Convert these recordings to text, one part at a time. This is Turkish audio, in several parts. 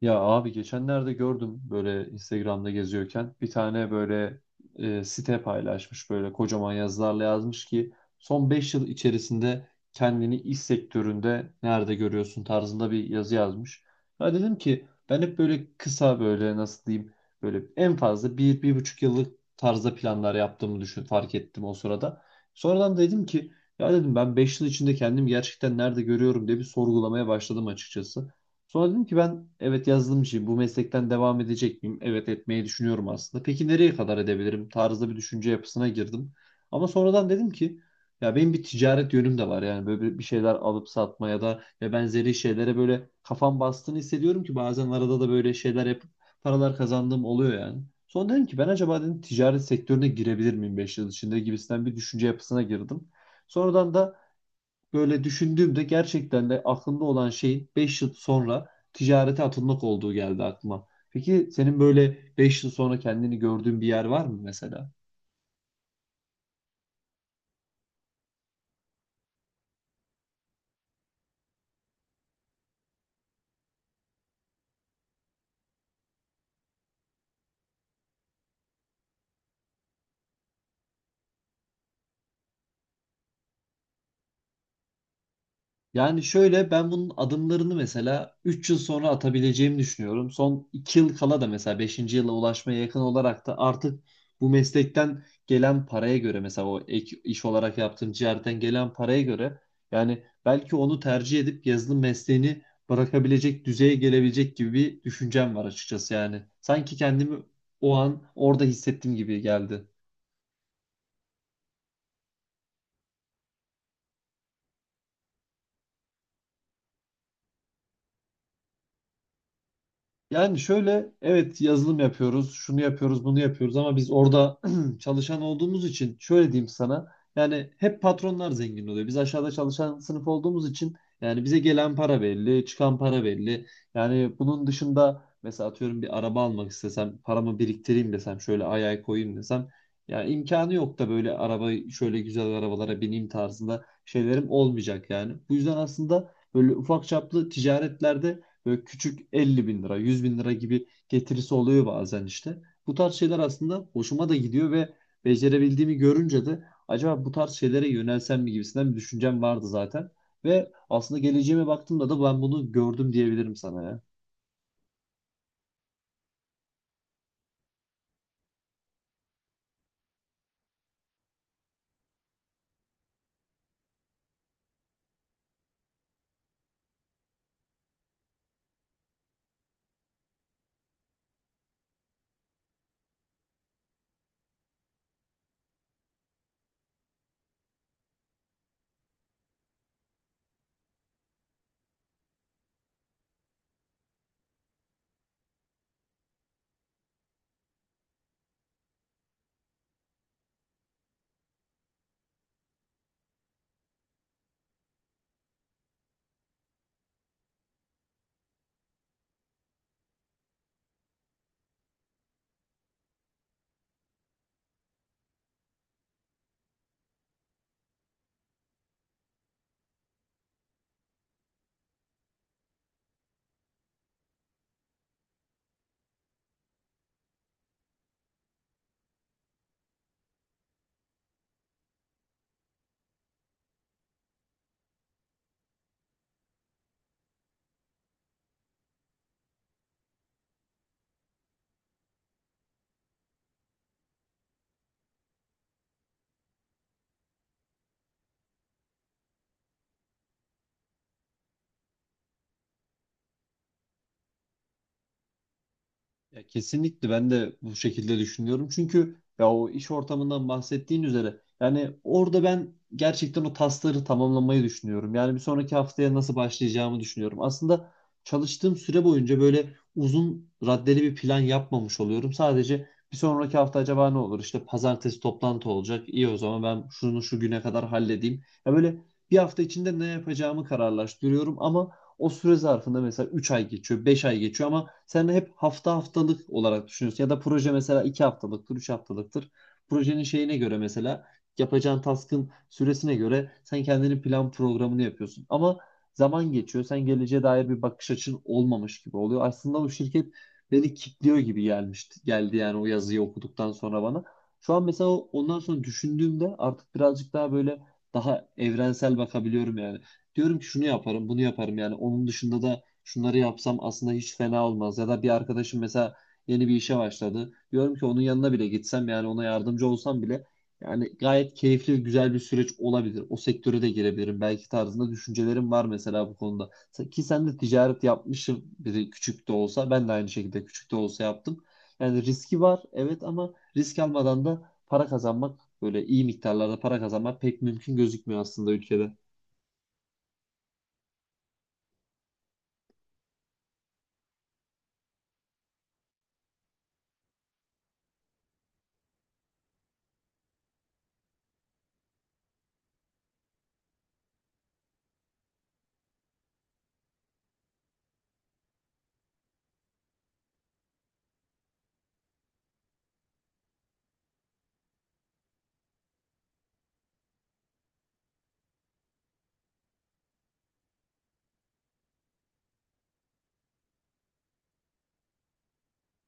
Ya abi geçenlerde gördüm böyle Instagram'da geziyorken bir tane böyle site paylaşmış, böyle kocaman yazılarla yazmış ki son 5 yıl içerisinde kendini iş sektöründe nerede görüyorsun tarzında bir yazı yazmış. Ya dedim ki ben hep böyle kısa, böyle nasıl diyeyim, böyle en fazla bir, bir buçuk yıllık tarzda planlar yaptığımı düşün fark ettim o sırada. Sonradan dedim ki ya dedim, ben 5 yıl içinde kendimi gerçekten nerede görüyorum diye bir sorgulamaya başladım açıkçası. Sonra dedim ki ben, evet, yazılımcıyım. Bu meslekten devam edecek miyim? Evet, etmeyi düşünüyorum aslında. Peki nereye kadar edebilirim, tarzda bir düşünce yapısına girdim. Ama sonradan dedim ki ya benim bir ticaret yönüm de var. Yani böyle bir şeyler alıp satma ya da ve benzeri şeylere böyle kafam bastığını hissediyorum ki bazen arada da böyle şeyler yapıp paralar kazandığım oluyor yani. Sonra dedim ki ben acaba dedim ticaret sektörüne girebilir miyim 5 yıl içinde, gibisinden bir düşünce yapısına girdim. Sonradan da böyle düşündüğümde gerçekten de aklımda olan şeyin 5 yıl sonra ticarete atılmak olduğu geldi aklıma. Peki senin böyle 5 yıl sonra kendini gördüğün bir yer var mı mesela? Yani şöyle, ben bunun adımlarını mesela 3 yıl sonra atabileceğimi düşünüyorum. Son 2 yıl kala da mesela beşinci yıla ulaşmaya yakın olarak da artık bu meslekten gelen paraya göre, mesela o ek iş olarak yaptığım ciğerden gelen paraya göre, yani belki onu tercih edip yazılım mesleğini bırakabilecek düzeye gelebilecek gibi bir düşüncem var açıkçası yani. Sanki kendimi o an orada hissettiğim gibi geldi. Yani şöyle, evet yazılım yapıyoruz, şunu yapıyoruz, bunu yapıyoruz ama biz orada çalışan olduğumuz için şöyle diyeyim sana. Yani hep patronlar zengin oluyor. Biz aşağıda çalışan sınıf olduğumuz için yani bize gelen para belli, çıkan para belli. Yani bunun dışında mesela atıyorum bir araba almak istesem, paramı biriktireyim desem, şöyle ay ay koyayım desem, yani imkanı yok da böyle araba şöyle güzel arabalara bineyim tarzında şeylerim olmayacak yani. Bu yüzden aslında böyle ufak çaplı ticaretlerde böyle küçük 50 bin lira, 100 bin lira gibi getirisi oluyor bazen işte. Bu tarz şeyler aslında hoşuma da gidiyor ve becerebildiğimi görünce de acaba bu tarz şeylere yönelsem mi, gibisinden bir düşüncem vardı zaten. Ve aslında geleceğime baktığımda da ben bunu gördüm diyebilirim sana ya. Ya kesinlikle, ben de bu şekilde düşünüyorum. Çünkü ya o iş ortamından bahsettiğin üzere yani orada ben gerçekten o tasları tamamlamayı düşünüyorum. Yani bir sonraki haftaya nasıl başlayacağımı düşünüyorum. Aslında çalıştığım süre boyunca böyle uzun raddeli bir plan yapmamış oluyorum. Sadece bir sonraki hafta acaba ne olur? İşte pazartesi toplantı olacak. İyi, o zaman ben şunu şu güne kadar halledeyim. Ya böyle bir hafta içinde ne yapacağımı kararlaştırıyorum ama o süre zarfında mesela 3 ay geçiyor, 5 ay geçiyor ama sen hep hafta haftalık olarak düşünüyorsun. Ya da proje mesela 2 haftalıktır, 3 haftalıktır. Projenin şeyine göre, mesela yapacağın task'ın süresine göre sen kendini plan programını yapıyorsun. Ama zaman geçiyor. Sen geleceğe dair bir bakış açın olmamış gibi oluyor. Aslında bu şirket beni kilitliyor gibi gelmişti. Geldi yani, o yazıyı okuduktan sonra bana. Şu an mesela ondan sonra düşündüğümde artık birazcık daha böyle daha evrensel bakabiliyorum yani. Diyorum ki şunu yaparım, bunu yaparım, yani onun dışında da şunları yapsam aslında hiç fena olmaz. Ya da bir arkadaşım mesela yeni bir işe başladı. Diyorum ki onun yanına bile gitsem, yani ona yardımcı olsam bile yani gayet keyifli ve güzel bir süreç olabilir. O sektöre de girebilirim belki, tarzında düşüncelerim var mesela bu konuda. Ki sen de ticaret yapmışsın biri küçük de olsa, ben de aynı şekilde küçük de olsa yaptım. Yani riski var evet, ama risk almadan da para kazanmak, böyle iyi miktarlarda para kazanmak pek mümkün gözükmüyor aslında ülkede.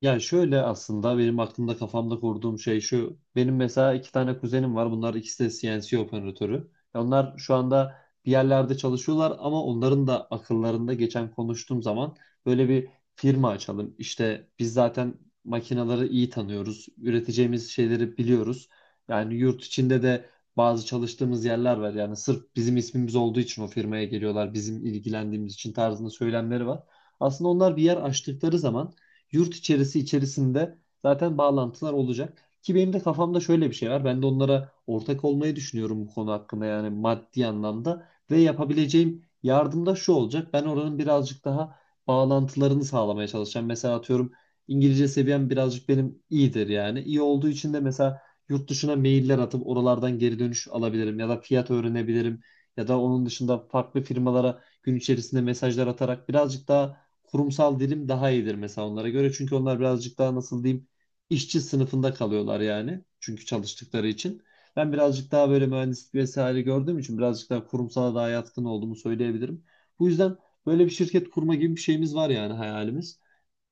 Yani şöyle, aslında benim aklımda, kafamda kurduğum şey şu. Benim mesela iki tane kuzenim var. Bunlar ikisi de CNC operatörü. Ya, onlar şu anda bir yerlerde çalışıyorlar ama onların da akıllarında geçen, konuştuğum zaman, böyle bir firma açalım. İşte biz zaten makineleri iyi tanıyoruz. Üreteceğimiz şeyleri biliyoruz. Yani yurt içinde de bazı çalıştığımız yerler var. Yani sırf bizim ismimiz olduğu için o firmaya geliyorlar. Bizim ilgilendiğimiz için, tarzında söylemleri var. Aslında onlar bir yer açtıkları zaman yurt içerisinde zaten bağlantılar olacak. Ki benim de kafamda şöyle bir şey var. Ben de onlara ortak olmayı düşünüyorum bu konu hakkında, yani maddi anlamda. Ve yapabileceğim yardım da şu olacak. Ben oranın birazcık daha bağlantılarını sağlamaya çalışacağım. Mesela atıyorum, İngilizce seviyem birazcık benim iyidir yani. İyi olduğu için de mesela yurt dışına mailler atıp oralardan geri dönüş alabilirim ya da fiyat öğrenebilirim, ya da onun dışında farklı firmalara gün içerisinde mesajlar atarak birazcık daha kurumsal dilim daha iyidir mesela onlara göre. Çünkü onlar birazcık daha, nasıl diyeyim, işçi sınıfında kalıyorlar yani. Çünkü çalıştıkları için. Ben birazcık daha böyle mühendislik vesaire gördüğüm için birazcık daha kurumsala daha yatkın olduğumu söyleyebilirim. Bu yüzden böyle bir şirket kurma gibi bir şeyimiz var, yani hayalimiz.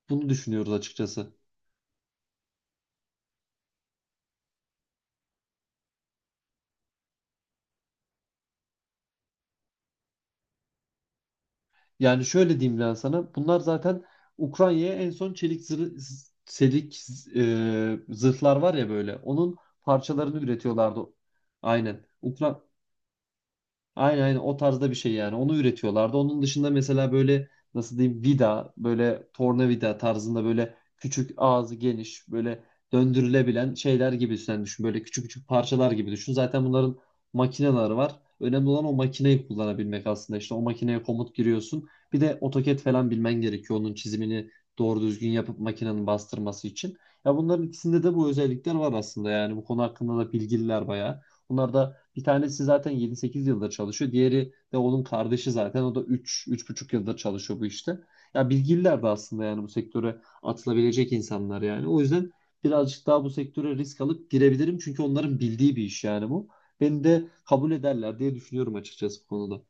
Bunu düşünüyoruz açıkçası. Yani şöyle diyeyim ben sana. Bunlar zaten Ukrayna'ya en son çelik zırh, çelik zırhlar var ya böyle. Onun parçalarını üretiyorlardı. Aynen. Aynen aynen, o tarzda bir şey yani. Onu üretiyorlardı. Onun dışında mesela böyle, nasıl diyeyim, vida, böyle tornavida tarzında, böyle küçük ağzı geniş, böyle döndürülebilen şeyler gibi sen düşün. Böyle küçük küçük parçalar gibi düşün. Zaten bunların makineleri var. Önemli olan o makineyi kullanabilmek aslında. İşte o makineye komut giriyorsun. Bir de AutoCAD falan bilmen gerekiyor. Onun çizimini doğru düzgün yapıp makinenin bastırması için. Ya bunların ikisinde de bu özellikler var aslında yani. Bu konu hakkında da bilgililer bayağı. Bunlar da bir tanesi zaten 7-8 yıldır çalışıyor. Diğeri de onun kardeşi zaten. O da 3 buçuk yıldır çalışıyor bu işte. Ya bilgililer de aslında yani, bu sektöre atılabilecek insanlar yani. O yüzden birazcık daha bu sektöre risk alıp girebilirim. Çünkü onların bildiği bir iş yani bu. Beni de kabul ederler diye düşünüyorum açıkçası bu konuda.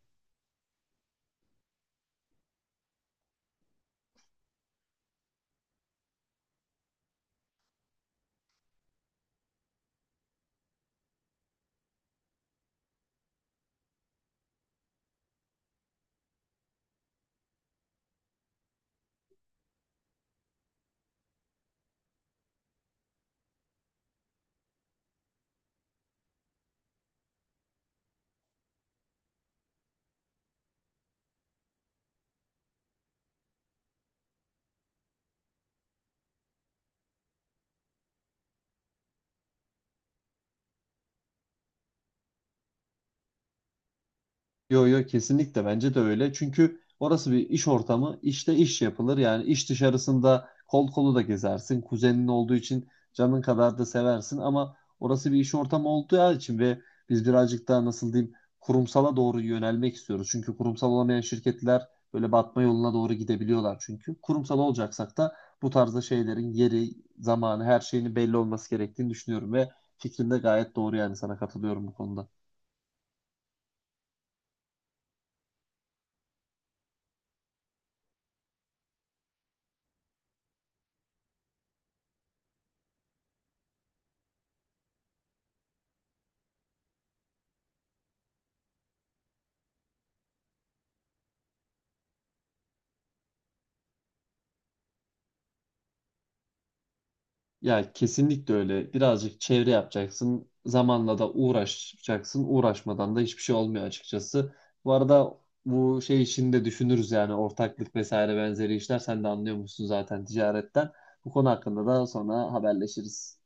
Yo yo, kesinlikle bence de öyle. Çünkü orası bir iş ortamı. İşte iş yapılır. Yani iş dışarısında kol kolu da gezersin. Kuzenin olduğu için canın kadar da seversin ama orası bir iş ortamı olduğu için ve biz birazcık daha, nasıl diyeyim, kurumsala doğru yönelmek istiyoruz. Çünkü kurumsal olamayan şirketler böyle batma yoluna doğru gidebiliyorlar çünkü. Kurumsal olacaksak da bu tarzda şeylerin yeri, zamanı, her şeyinin belli olması gerektiğini düşünüyorum ve fikrin de gayet doğru yani, sana katılıyorum bu konuda. Ya kesinlikle öyle. Birazcık çevre yapacaksın. Zamanla da uğraşacaksın. Uğraşmadan da hiçbir şey olmuyor açıkçası. Bu arada bu şey işini de düşünürüz yani, ortaklık vesaire benzeri işler. Sen de anlıyormuşsun zaten ticaretten. Bu konu hakkında da sonra haberleşiriz.